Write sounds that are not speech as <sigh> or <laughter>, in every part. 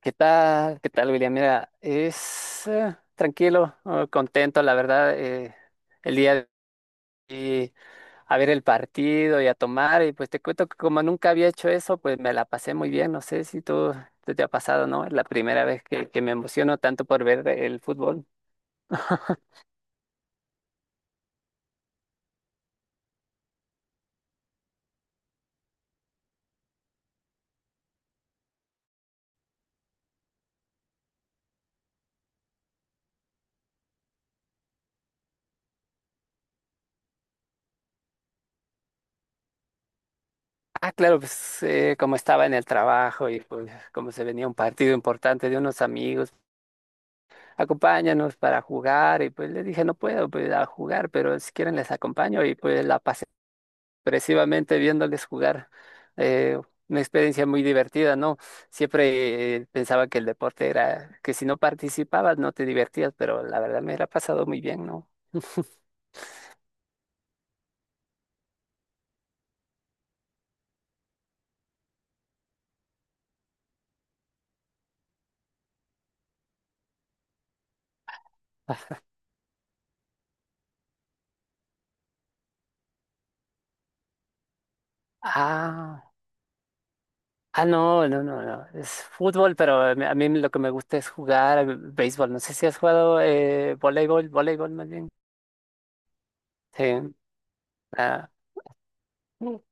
¿Qué tal? ¿Qué tal, William? Mira, es tranquilo, contento, la verdad, el día de hoy a ver el partido y a tomar, y pues te cuento que como nunca había hecho eso, pues me la pasé muy bien, no sé si tú te ha pasado, ¿no? Es la primera vez que me emociono tanto por ver el fútbol. <laughs> Ah, claro, pues como estaba en el trabajo y pues como se venía un partido importante de unos amigos, acompáñanos para jugar, y pues le dije, no puedo pues, a jugar, pero si quieren les acompaño, y pues la pasé expresivamente viéndoles jugar. eh, una experiencia muy divertida, ¿no? Siempre pensaba que el deporte era que si no participabas no te divertías, pero la verdad me la ha pasado muy bien, ¿no? <laughs> Ah, ah, no, no, no, no. Es fútbol, pero a mí lo que me gusta es jugar béisbol. No sé si has jugado voleibol, más bien. Sí. Ah. <laughs>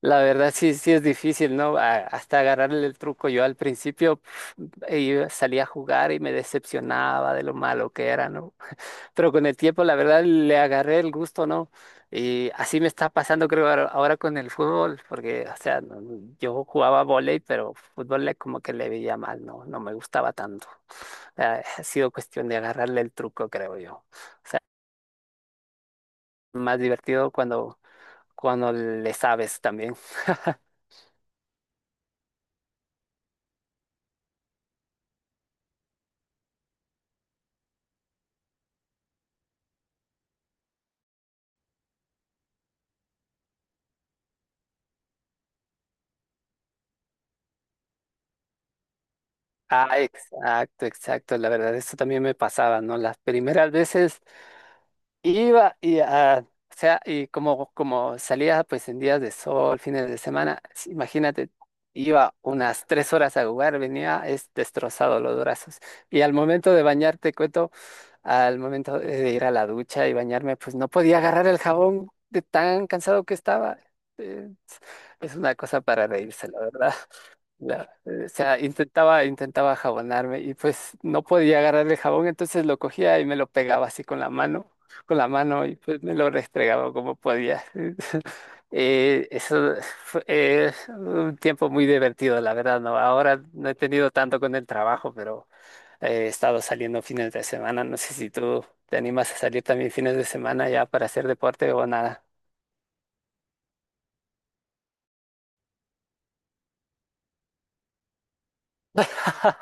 La verdad sí, sí es difícil, ¿no? Hasta agarrarle el truco. Yo al principio salía a jugar y me decepcionaba de lo malo que era, ¿no? Pero con el tiempo, la verdad, le agarré el gusto, ¿no? Y así me está pasando, creo, ahora con el fútbol, porque, o sea, no- no, yo jugaba vóley, pero fútbol como que le veía mal, ¿no? No me gustaba tanto. Ha sido cuestión de agarrarle el truco, creo yo. O sea, más divertido cuando, cuando le sabes también. Ah, exacto, exacto. La verdad, eso también me pasaba, ¿no? Las primeras veces iba y, ah, o sea, y como, como salía pues en días de sol, fines de semana, imagínate, iba unas tres horas a jugar, venía es destrozado los brazos. Y al momento de bañarte, cuento, al momento de ir a la ducha y bañarme, pues no podía agarrar el jabón de tan cansado que estaba. Eh, Es una cosa para reírse, la verdad. O sea, intentaba, intentaba jabonarme y pues no podía agarrar el jabón, entonces lo cogía y me lo pegaba así con la mano y pues me lo restregaba como podía. <laughs> Eso fue un tiempo muy divertido, la verdad, ¿no? Ahora no he tenido tanto con el trabajo, pero he estado saliendo fines de semana. No sé si tú te animas a salir también fines de semana ya para hacer deporte o nada. <laughs>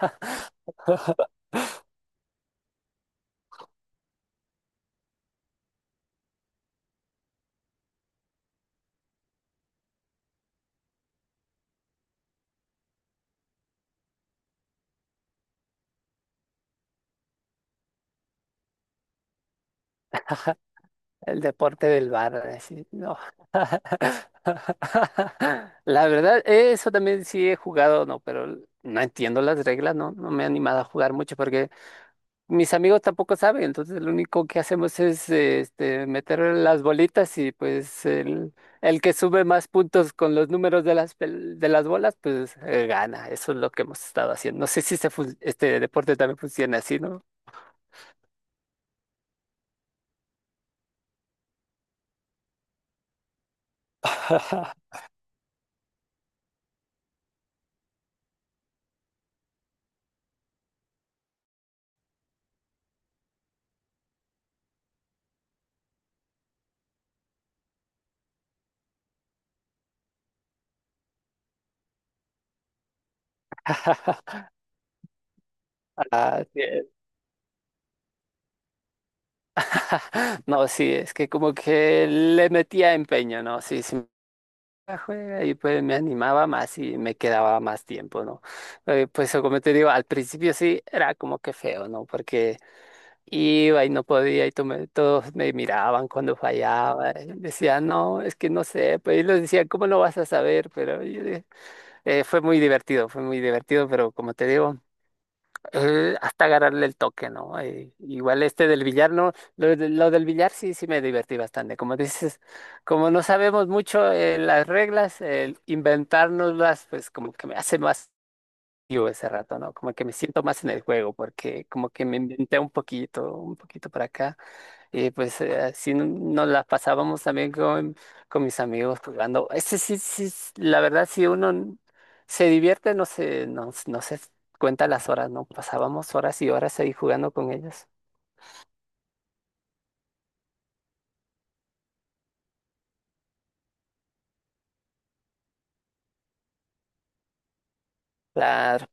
El deporte del bar, así, no. <laughs> La verdad, eso también sí he jugado, no, pero no entiendo las reglas, no, no me he animado a jugar mucho porque mis amigos tampoco saben, entonces lo único que hacemos es este, meter las bolitas y pues el que sube más puntos con los números de las, de las bolas, pues gana, eso es lo que hemos estado haciendo. No sé si este, este deporte también funciona así, ¿no? <laughs> Ah, sí. <laughs> No, sí, es que como que le metía empeño, ¿no? Sí, sí, me juega y pues me animaba más y me quedaba más tiempo, ¿no? Pues como te digo, al principio sí era como que feo, ¿no? Porque iba y no podía y todos me miraban cuando fallaba. Y decían, no, es que no sé, pues ellos decían, ¿cómo no vas a saber? Pero fue muy divertido, pero como te digo hasta agarrarle el toque, ¿no? Igual este del billar, no, lo del billar sí, sí me divertí bastante. Como dices, como no sabemos mucho las reglas, el inventárnoslas, pues como que me hace más yo ese rato, ¿no? Como que me siento más en el juego, porque como que me inventé un poquito para acá. Y pues así nos las pasábamos también con mis amigos jugando. Ese sí, sí, la verdad, si se divierte, no se, no, no se cuenta las horas, ¿no? Pasábamos horas y horas ahí jugando con ellos. Claro,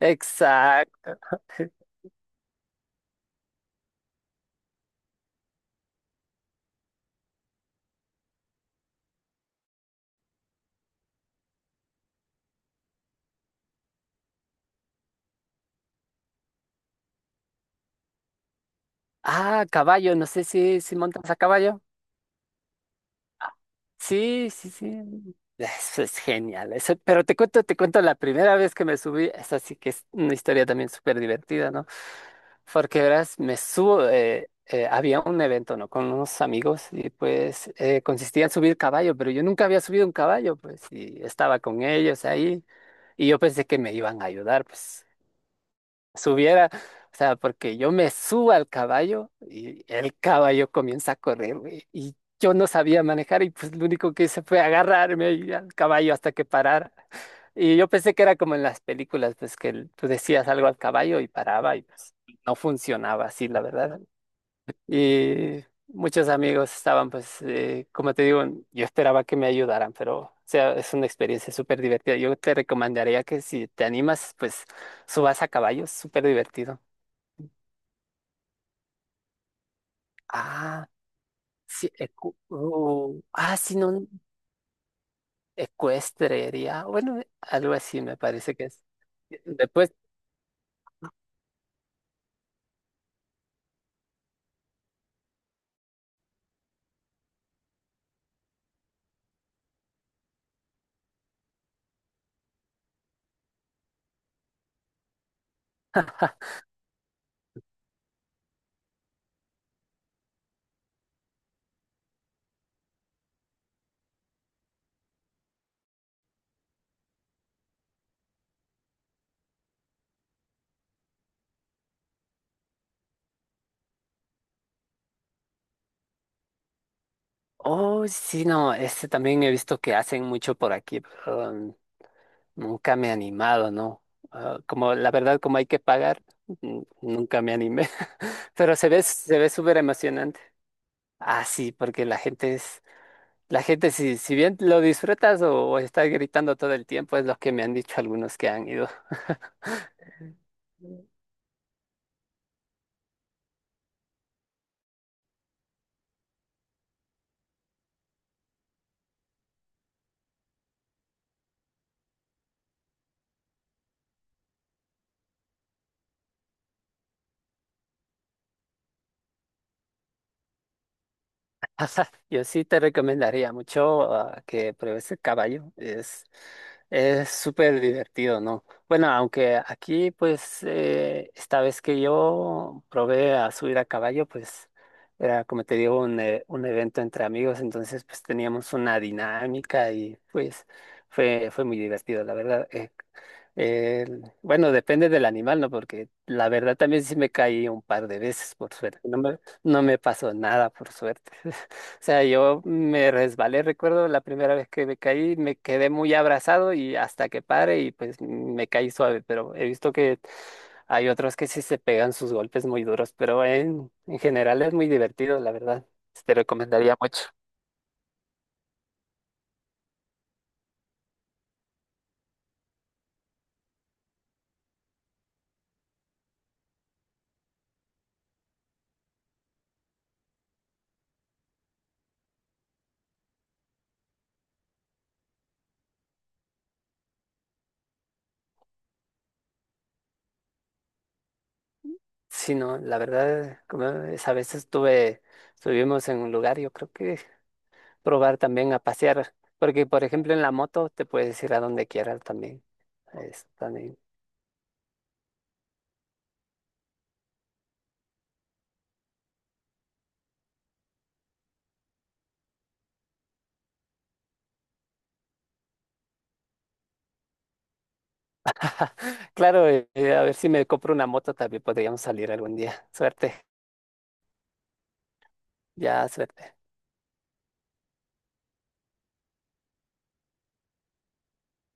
exacto. Ah, caballo, no sé si, si montas a caballo. Sí, sí, sí. Eso es genial. Eso, pero te cuento la primera vez que me subí. Esa sí que es una historia también súper divertida, ¿no? Porque verás, me subo. Había un evento, ¿no? Con unos amigos y pues consistía en subir caballo, pero yo nunca había subido un caballo, pues, y estaba con ellos ahí. Y yo pensé que me iban a ayudar, pues subiera, o sea, porque yo me subo al caballo y el caballo comienza a correr, güey, y yo no sabía manejar y pues lo único que hice fue agarrarme ahí al caballo hasta que parara. Y yo pensé que era como en las películas, pues que tú decías algo al caballo y paraba y pues no funcionaba así, la verdad. Y muchos amigos estaban, pues, como te digo, yo esperaba que me ayudaran, pero, o sea, es una experiencia súper divertida. Yo te recomendaría que si te animas, pues, subas a caballo, es súper divertido. Ah, sí, ah, sí, no, ecuestrería, bueno, algo así me parece que es. Después, oh, sí, no, este también he visto que hacen mucho por aquí. Nunca me he animado, ¿no? Ah, como la verdad, como hay que pagar, nunca me animé. <laughs> Pero se ve súper emocionante. Ah, sí, porque la gente es, la gente si, si bien lo disfrutas o estás gritando todo el tiempo, es lo que me han dicho algunos que han ido. <laughs> Yo sí te recomendaría mucho que pruebes el caballo. Es súper divertido, ¿no? Bueno, aunque aquí, pues, esta vez que yo probé a subir a caballo, pues, era como te digo, un evento entre amigos, entonces, pues, teníamos una dinámica y, pues, fue, fue muy divertido, la verdad. Bueno, depende del animal, ¿no? Porque la verdad también sí me caí un par de veces, por suerte. No me pasó nada, por suerte. <laughs> Sea, yo me resbalé, recuerdo la primera vez que me caí, me quedé muy abrazado y hasta que pare y pues me caí suave, pero he visto que hay otros que sí se pegan sus golpes muy duros, pero en general es muy divertido, la verdad. Te recomendaría mucho. Sí, no, la verdad, como esa vez estuve, estuvimos en un lugar, yo creo que probar también a pasear, porque por ejemplo en la moto te puedes ir a donde quieras también. Es también. Claro, a ver si me compro una moto también podríamos salir algún día. Suerte, ya suerte.